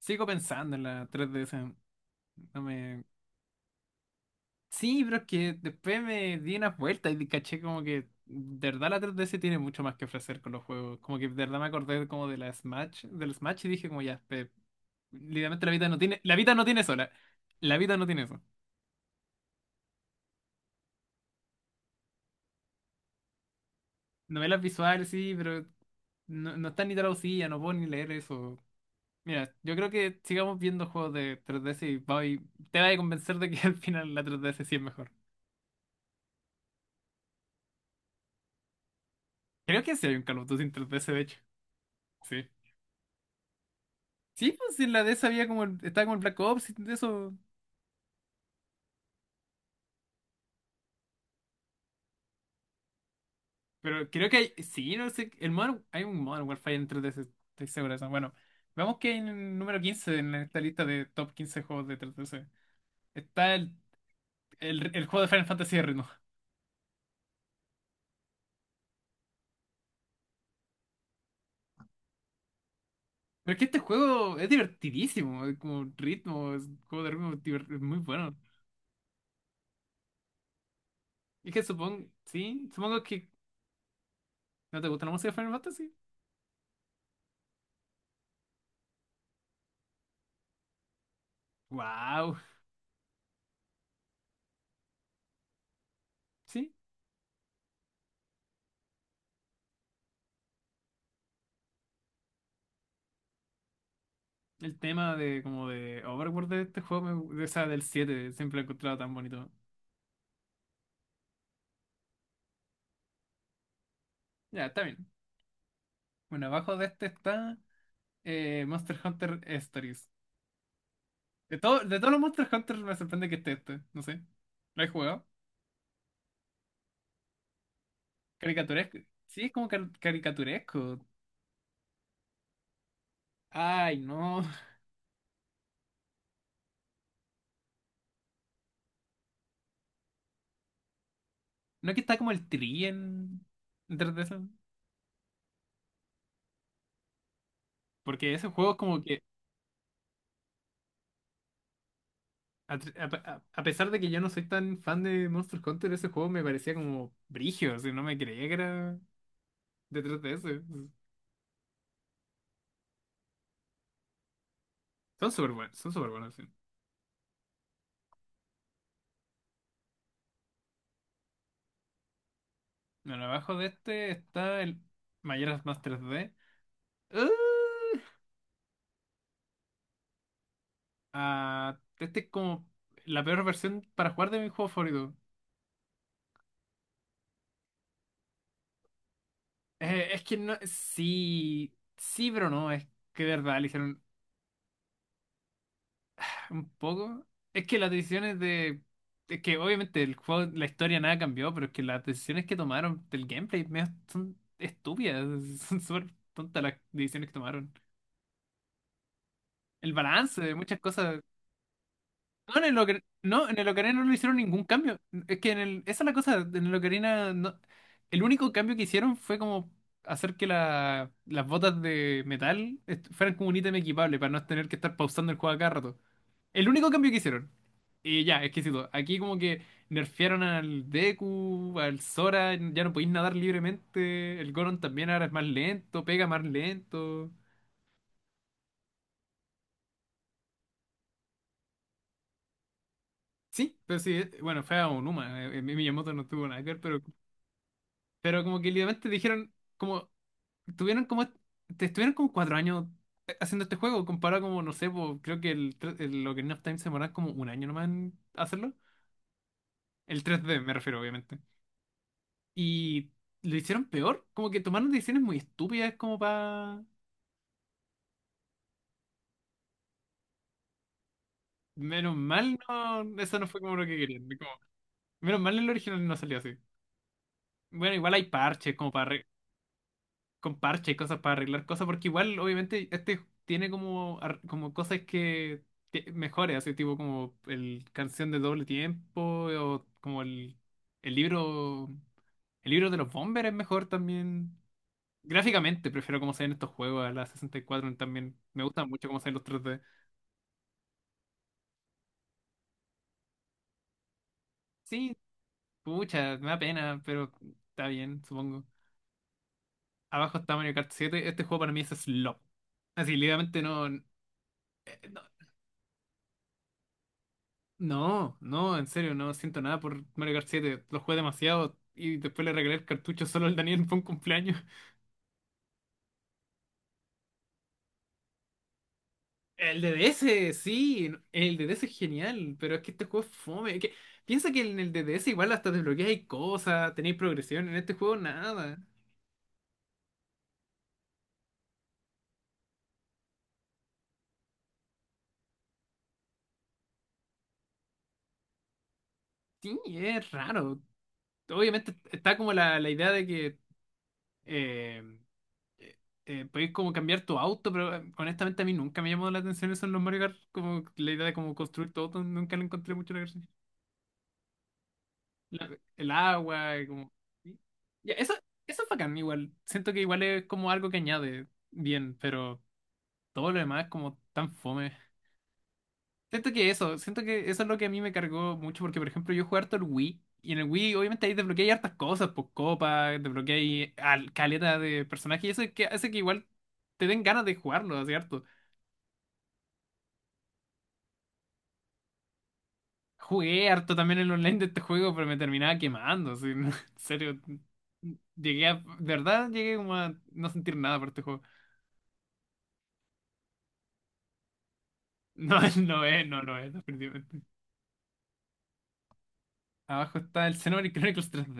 Sigo pensando en la 3DS. No me. Sí, pero es que después me di unas vueltas y caché como que de verdad la 3DS tiene mucho más que ofrecer con los juegos. Como que de verdad me acordé como del Smash y dije como ya, literalmente la vida no tiene sola. La vida no tiene eso. Novelas visuales, sí, pero no, no está ni traducida, no puedo ni leer eso. Mira, yo creo que sigamos viendo juegos de 3DS y, voy te vas a convencer de que al final la 3DS sí es mejor. Creo que sí hay un Call of Duty en 3DS, de hecho. Sí. Sí, pues en la de esa había como, estaba como el Black Ops y de eso. Pero creo que hay, sí, no sé, hay un Modern Warfare entre de ese, estoy seguro de eso. Bueno, vamos que en el número 15 en esta lista de top 15 juegos de 3DS está el juego de Final Fantasy de ritmo. Pero es que este juego es divertidísimo, es como ritmo, es un juego de ritmo es muy bueno. Es que supongo, sí, supongo que no te gusta la música de Final Fantasy. Wow, sí. El tema de como de Overwatch de este juego, de esa del 7 siempre lo he encontrado tan bonito. Ya, está bien. Bueno, abajo de este está Monster Hunter Stories. De todos los Monster Hunter me sorprende que esté este, no sé. ¿Lo he jugado? Caricaturesco. Sí, es como caricaturesco. Ay, no. No que está como el tri en. Detrás de eso. Porque ese juego es como que, a pesar de que yo no soy tan fan de Monster Hunter, ese juego me parecía como brigio, o sea, no me creía que era. Detrás de ese. Son súper buenos, sí. Bueno, abajo de este está el Majora's Mask 3D. ¡Ah! Ah, este es como la peor versión para jugar de mi juego favorito. Es que no, sí, sí, pero no, es que de verdad le hicieron un poco. Es que las decisiones de. Es que obviamente el juego, la historia nada cambió, pero es que las decisiones que tomaron del gameplay medio son estúpidas, son súper tontas las decisiones que tomaron. El balance de muchas cosas. No, en el en el Ocarina no le hicieron ningún cambio. Es que en el, esa es la cosa, en el Ocarina. El único cambio que hicieron fue como hacer que las botas de metal fueran como un ítem equipable para no tener que estar pausando el juego a cada rato. El único cambio que hicieron. Y ya, exquisito. Aquí como que nerfearon al Deku, al Sora, ya no podéis nadar libremente. El Goron también ahora es más lento, pega más lento. Sí, pero sí, bueno, fue a Onuma. Miyamoto no tuvo nada que ver, pero. Pero como que literalmente dijeron, como, tuvieron como, te estuvieron como 4 años haciendo este juego, comparado como, no sé, po, creo que el Ocarina of Time se demoraron como un año nomás en hacerlo. El tres d me refiero, obviamente. Y lo hicieron peor, como que tomaron decisiones muy estúpidas como para. Menos mal, no, eso no fue como lo que querían. Menos mal el original no salió así. Bueno, igual hay parches como para con parches y cosas para arreglar cosas, porque igual, obviamente, este tiene como, como cosas que mejores, así tipo como el canción de doble tiempo, o como el libro, el libro de los Bombers es mejor también. Gráficamente, prefiero cómo se ven estos juegos a la 64 también. Me gusta mucho cómo se ven los 3D. Sí, pucha, me da pena, pero está bien, supongo. Abajo está Mario Kart 7. Este juego para mí es slop. Así, literalmente no. No, no, en serio, no siento nada por Mario Kart 7. Lo jugué demasiado y después le regalé el cartucho solo al Daniel por un cumpleaños. El DDS, sí, el DDS es genial, pero es que este juego es fome. Es que, piensa que en el DDS igual hasta desbloqueáis cosas, tenéis progresión, en este juego nada. Sí, es raro. Obviamente está como la idea de que eh, eh, podéis como cambiar tu auto, pero honestamente a mí nunca me llamó la atención eso en los Mario Kart. Como la idea de como construir tu auto, nunca le encontré mucho la gracia. El agua, como. y- Ya, eso es bacán igual. Siento que igual es como algo que añade bien, pero todo lo demás es como tan fome. Siento que eso es lo que a mí me cargó mucho, porque por ejemplo yo jugué harto el Wii, y en el Wii obviamente ahí desbloqueé hartas cosas, pues copas, desbloqueé caleta de personajes, y eso es que hace que igual te den ganas de jugarlo, así harto. Jugué harto también el online de este juego, pero me terminaba quemando, así, en serio. De verdad llegué como a no sentir nada por este juego. No, no es, no, no es, definitivamente. Abajo está el Xenoblade Chronicles 3D.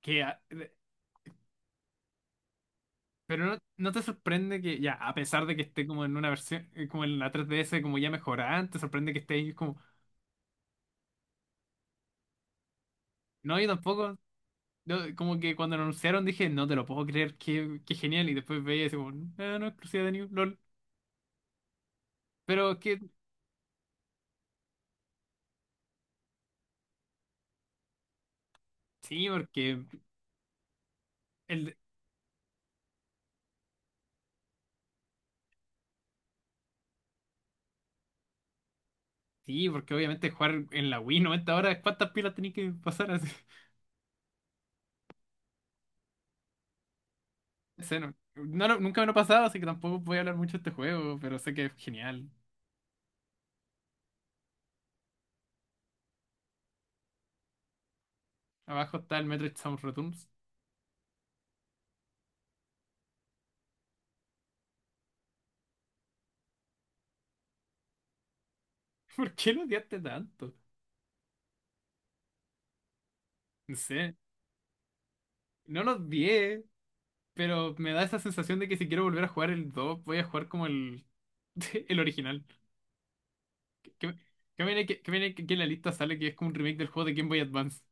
Que, a- de-. Pero no, no te sorprende que, ya, a pesar de que esté como en una versión, como en la 3DS, como ya mejorada, te sorprende que esté ahí como. No, yo tampoco. Yo como que cuando lo anunciaron dije, no te lo puedo creer, qué genial. Y después veía y decía, como, no, no, exclusiva de New, LOL. Pero que, sí, porque. El, sí, porque obviamente jugar en la Wii 90 horas, ¿cuántas pilas tenés que pasar? Ese nunca me lo he pasado, así que tampoco voy a hablar mucho de este juego, pero sé que es genial. Abajo está el Metroid Samus Returns. ¿Por qué lo odiaste tanto? No sé, no lo odié, pero me da esa sensación de que si quiero volver a jugar el 2 voy a jugar como el, el original. Que, que viene, que viene que en la lista sale que es como un remake del juego de Game Boy Advance.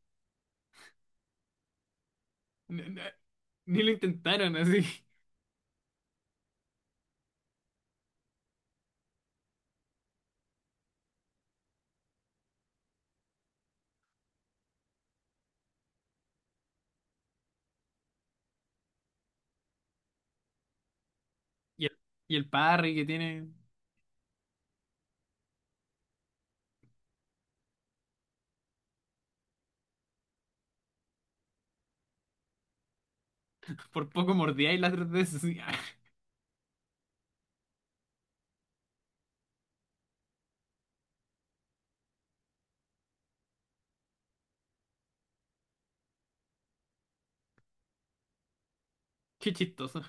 N- n- Ni, lo intentaron así. Y el, y el parry que tiene, por poco mordía y la 3DS así. Qué chistoso.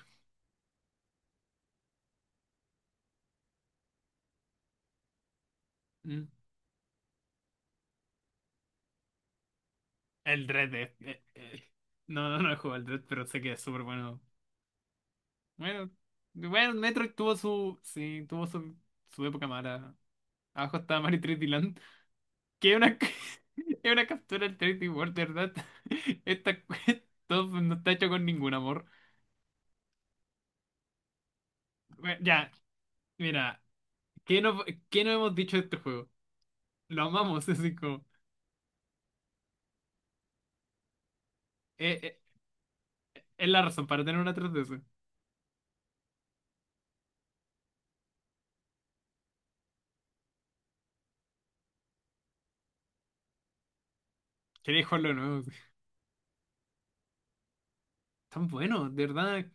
Mm. El Dread. No, no, no he jugado el Dread, pero sé que es súper bueno. Bueno, bueno, Metroid tuvo su. Sí, tuvo su época mala. Abajo está Mario 3D Land. Que es una, es una captura del 3D World, ¿de verdad? Esta, esto no está hecho con ningún amor. Bueno, ya, mira. ¿Qué no, qué no hemos dicho de este juego? Lo amamos, así como. eh, eh, es la razón para tener una 3DS. Quería jugarlo de nuevo. Así. Tan bueno, de verdad,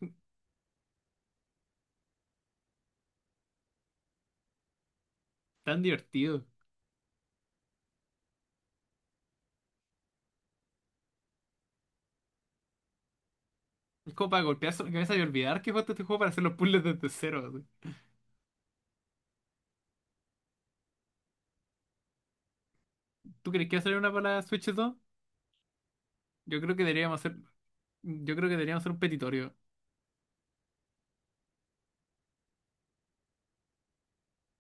tan divertido. Es como para golpearse la cabeza y olvidar que jugaste este juego para hacer los puzzles desde cero. Así. ¿Tú crees que va a salir una para la Switch 2? Yo creo que deberíamos hacer, yo creo que deberíamos hacer un petitorio.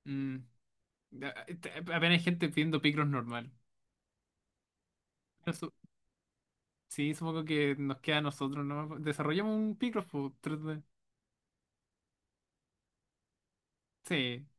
Mm. A- a- Apenas hay gente pidiendo Picross normal. Pero sí, supongo que nos queda a nosotros, ¿no? Desarrollamos un Picross por 3D. Sí.